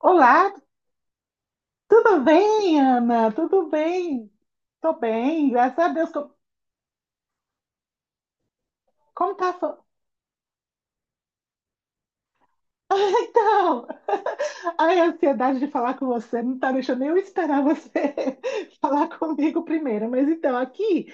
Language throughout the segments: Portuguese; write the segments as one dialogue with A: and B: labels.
A: Olá, tudo bem, Ana? Tudo bem? Tô bem, graças a Deus. Co- Como, tá? a sua- Ah, então, ai, a ansiedade de falar com você não tá deixando eu esperar você falar comigo primeiro. Mas então, aqui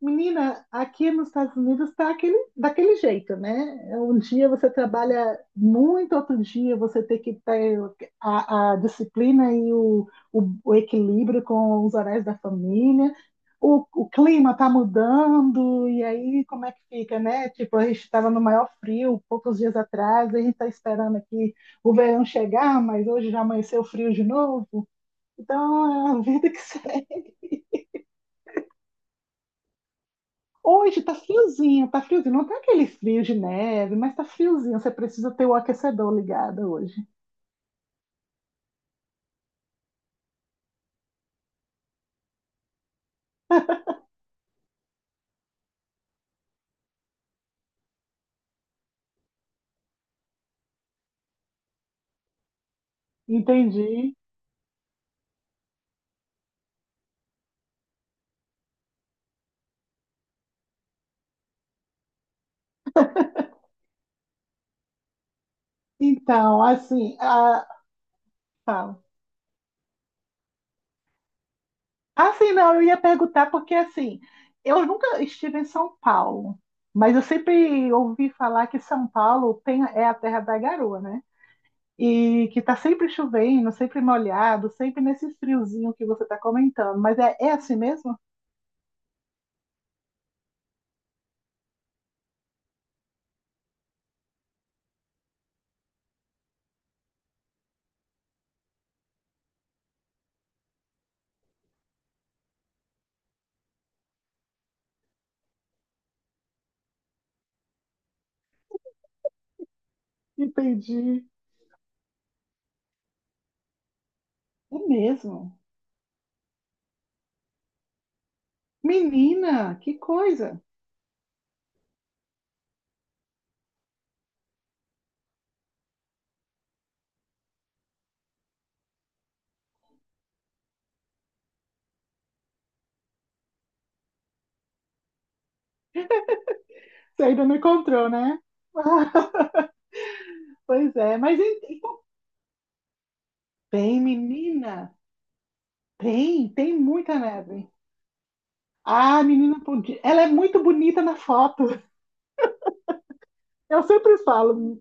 A: menina, aqui nos Estados Unidos está aquele, daquele jeito, né? Um dia você trabalha muito, outro dia você tem que ter a disciplina e o equilíbrio com os horários da família. O clima está mudando, e aí como é que fica, né? Tipo, a gente estava no maior frio poucos dias atrás, e a gente está esperando aqui o verão chegar, mas hoje já amanheceu frio de novo. Então, é a vida que segue. Hoje tá friozinho, tá friozinho. Não tá aquele frio de neve, mas tá friozinho. Você precisa ter o aquecedor ligado hoje. Entendi. Então, assim, ah, fala. Assim, não, eu ia perguntar porque, assim, eu nunca estive em São Paulo, mas eu sempre ouvi falar que São Paulo tem, é a terra da garoa, né? E que tá sempre chovendo, sempre molhado, sempre nesse friozinho que você tá comentando. Mas é, é assim mesmo? Entendi. É mesmo. Menina, que coisa! Você ainda não encontrou, né? Pois é, mas tá bem, menina, tem, tem muita neve. Ah, menina, podia- ela é muito bonita na foto. Eu sempre falo,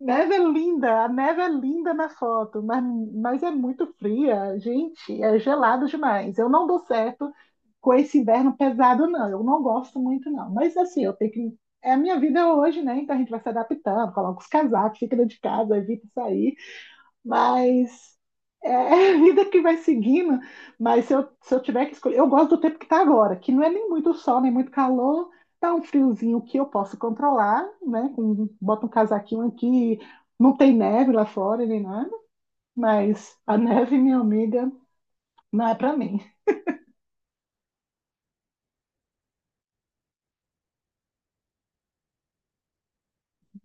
A: neve é linda, a neve é linda na foto, mas é muito fria, gente, é gelado demais. Eu não dou certo com esse inverno pesado, não. Eu não gosto muito, não. Mas assim, eu tenho que. É a minha vida hoje, né? Então a gente vai se adaptando, coloca os casacos, fica dentro de casa, evita sair. Mas é a vida que vai seguindo. Mas se eu tiver que escolher, eu gosto do tempo que está agora, que não é nem muito sol, nem muito calor, tá um friozinho que eu posso controlar, né? Com, bota um casaquinho aqui, não tem neve lá fora nem nada, mas a neve, minha amiga, não é para mim.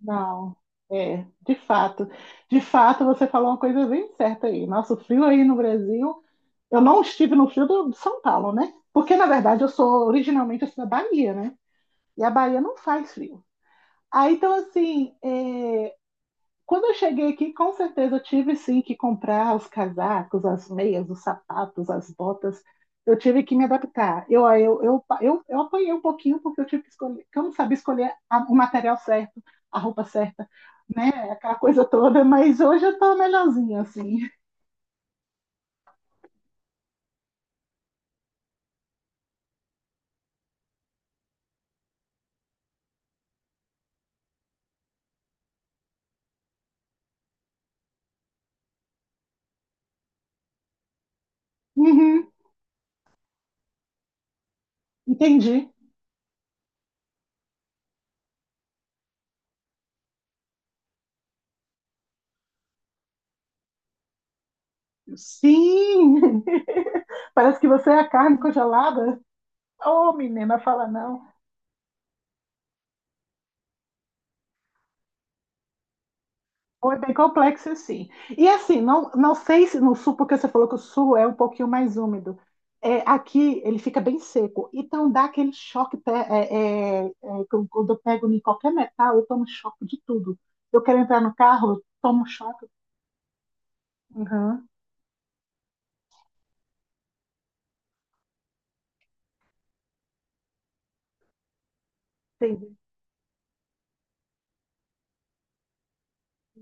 A: Não. É, de fato. De fato, você falou uma coisa bem certa aí. Nosso frio aí no Brasil, eu não estive no frio de São Paulo, né? Porque, na verdade, eu sou originalmente assim, da Bahia, né? E a Bahia não faz frio. Aí, então, assim, é, quando eu cheguei aqui, com certeza eu tive sim que comprar os casacos, as meias, os sapatos, as botas. Eu tive que me adaptar. Eu apanhei um pouquinho porque eu tive que escolher, que eu não sabia escolher o material certo, a roupa certa, né? Aquela coisa toda, mas hoje eu tô melhorzinha, assim. Uhum, entendi. Sim! Parece que você é a carne congelada. Ô, oh, menina, fala não. Foi bem complexo, sim. E assim, não, não sei se no sul, porque você falou que o sul é um pouquinho mais úmido. É, aqui ele fica bem seco, então dá aquele choque. Quando eu pego em qualquer metal, eu tomo choque de tudo. Eu quero entrar no carro, eu tomo choque. Uhum, entendi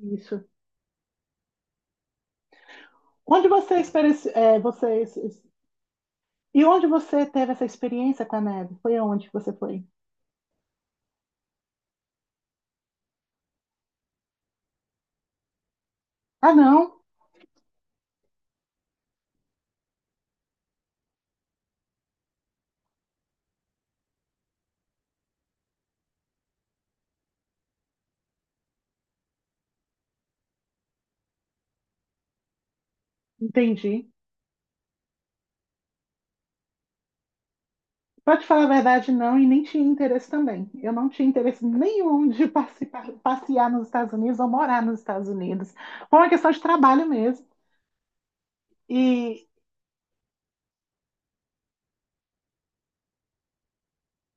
A: isso. Onde você, experienci- é, você E onde você teve essa experiência com a neve? Foi aonde que você foi? Ah, não, entendi. Pra te falar a verdade, não, e nem tinha interesse também. Eu não tinha interesse nenhum de passear nos Estados Unidos ou morar nos Estados Unidos. Foi uma questão de trabalho mesmo. E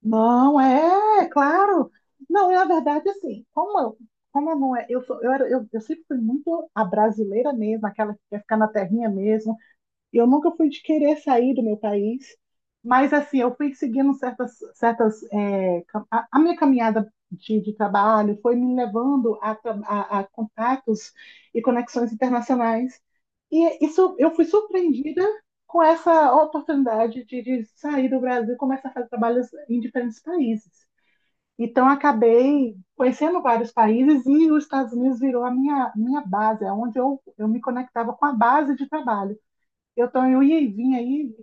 A: não é, claro. Não, e na verdade, assim, como eu não é, eu sou, eu era, eu sempre fui muito a brasileira mesmo, aquela que quer ficar na terrinha mesmo. E eu nunca fui de querer sair do meu país, mas assim, eu fui seguindo certas é, a minha caminhada de trabalho foi me levando a contatos e conexões internacionais. E isso, eu fui surpreendida com essa oportunidade de sair do Brasil e começar a fazer trabalhos em diferentes países. Então, acabei conhecendo vários países e os Estados Unidos virou a minha, minha base, é onde eu me conectava com a base de trabalho. Eu ia e vinha aí.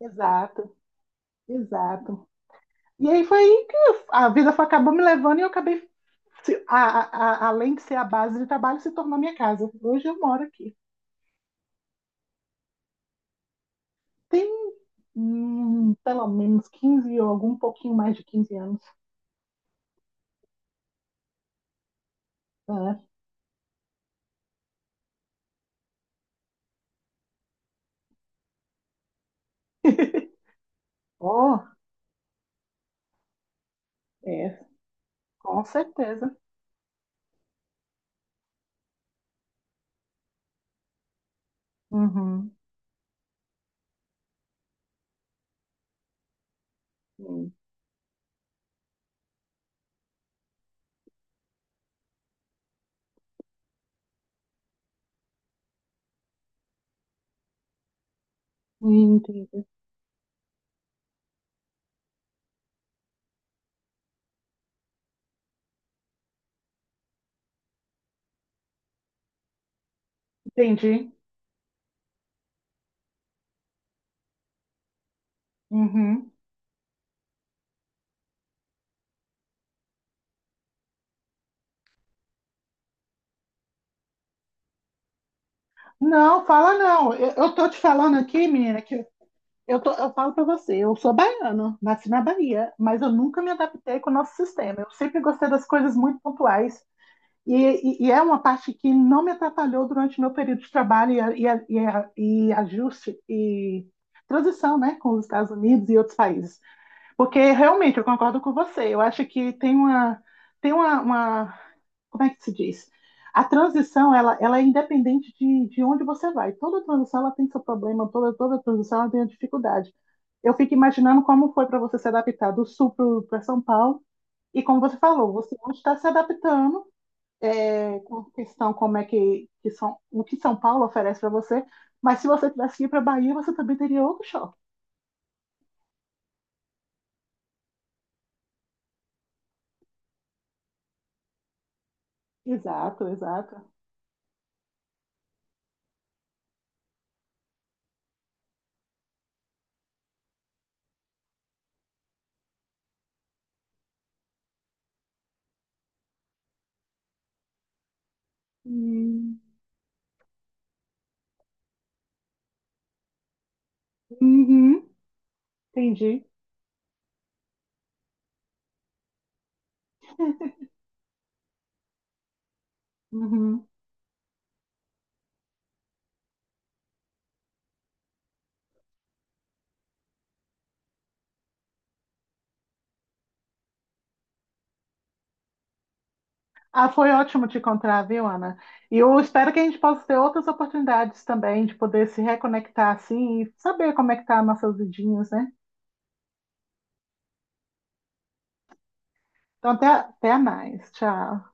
A: Exato, exato. E aí foi aí que a vida foi, acabou me levando e eu acabei, além de ser a base de trabalho, se tornou minha casa. Hoje eu moro aqui. Tem, pelo menos 15 ou algum pouquinho mais de 15 anos. Né? Oh, é, com certeza. Uhum. Sim. Entendi. Entendi. Uhum. Não, fala não. Eu tô te falando aqui, menina, que eu falo pra você, eu sou baiano, nasci na Bahia, mas eu nunca me adaptei com o nosso sistema. Eu sempre gostei das coisas muito pontuais e, e é uma parte que não me atrapalhou durante meu período de trabalho e, ajuste e transição, né, com os Estados Unidos e outros países. Porque realmente eu concordo com você. Eu acho que tem uma tem uma como é que se diz? A transição, ela é independente de onde você vai. Toda transição, ela tem seu problema, toda transição, ela tem a dificuldade. Eu fico imaginando como foi para você se adaptar do Sul para São Paulo, e como você falou, você hoje está se adaptando é, com a questão como é que São, o que São Paulo oferece para você, mas se você tivesse que ir para Bahia, você também teria outro choque. Exato, exato. Hum, Uhum, entendi. Uhum. Ah, foi ótimo te encontrar, viu, Ana? E eu espero que a gente possa ter outras oportunidades também de poder se reconectar assim e saber como é que tá nossas vidinhas, né? Então, até, até mais. Tchau.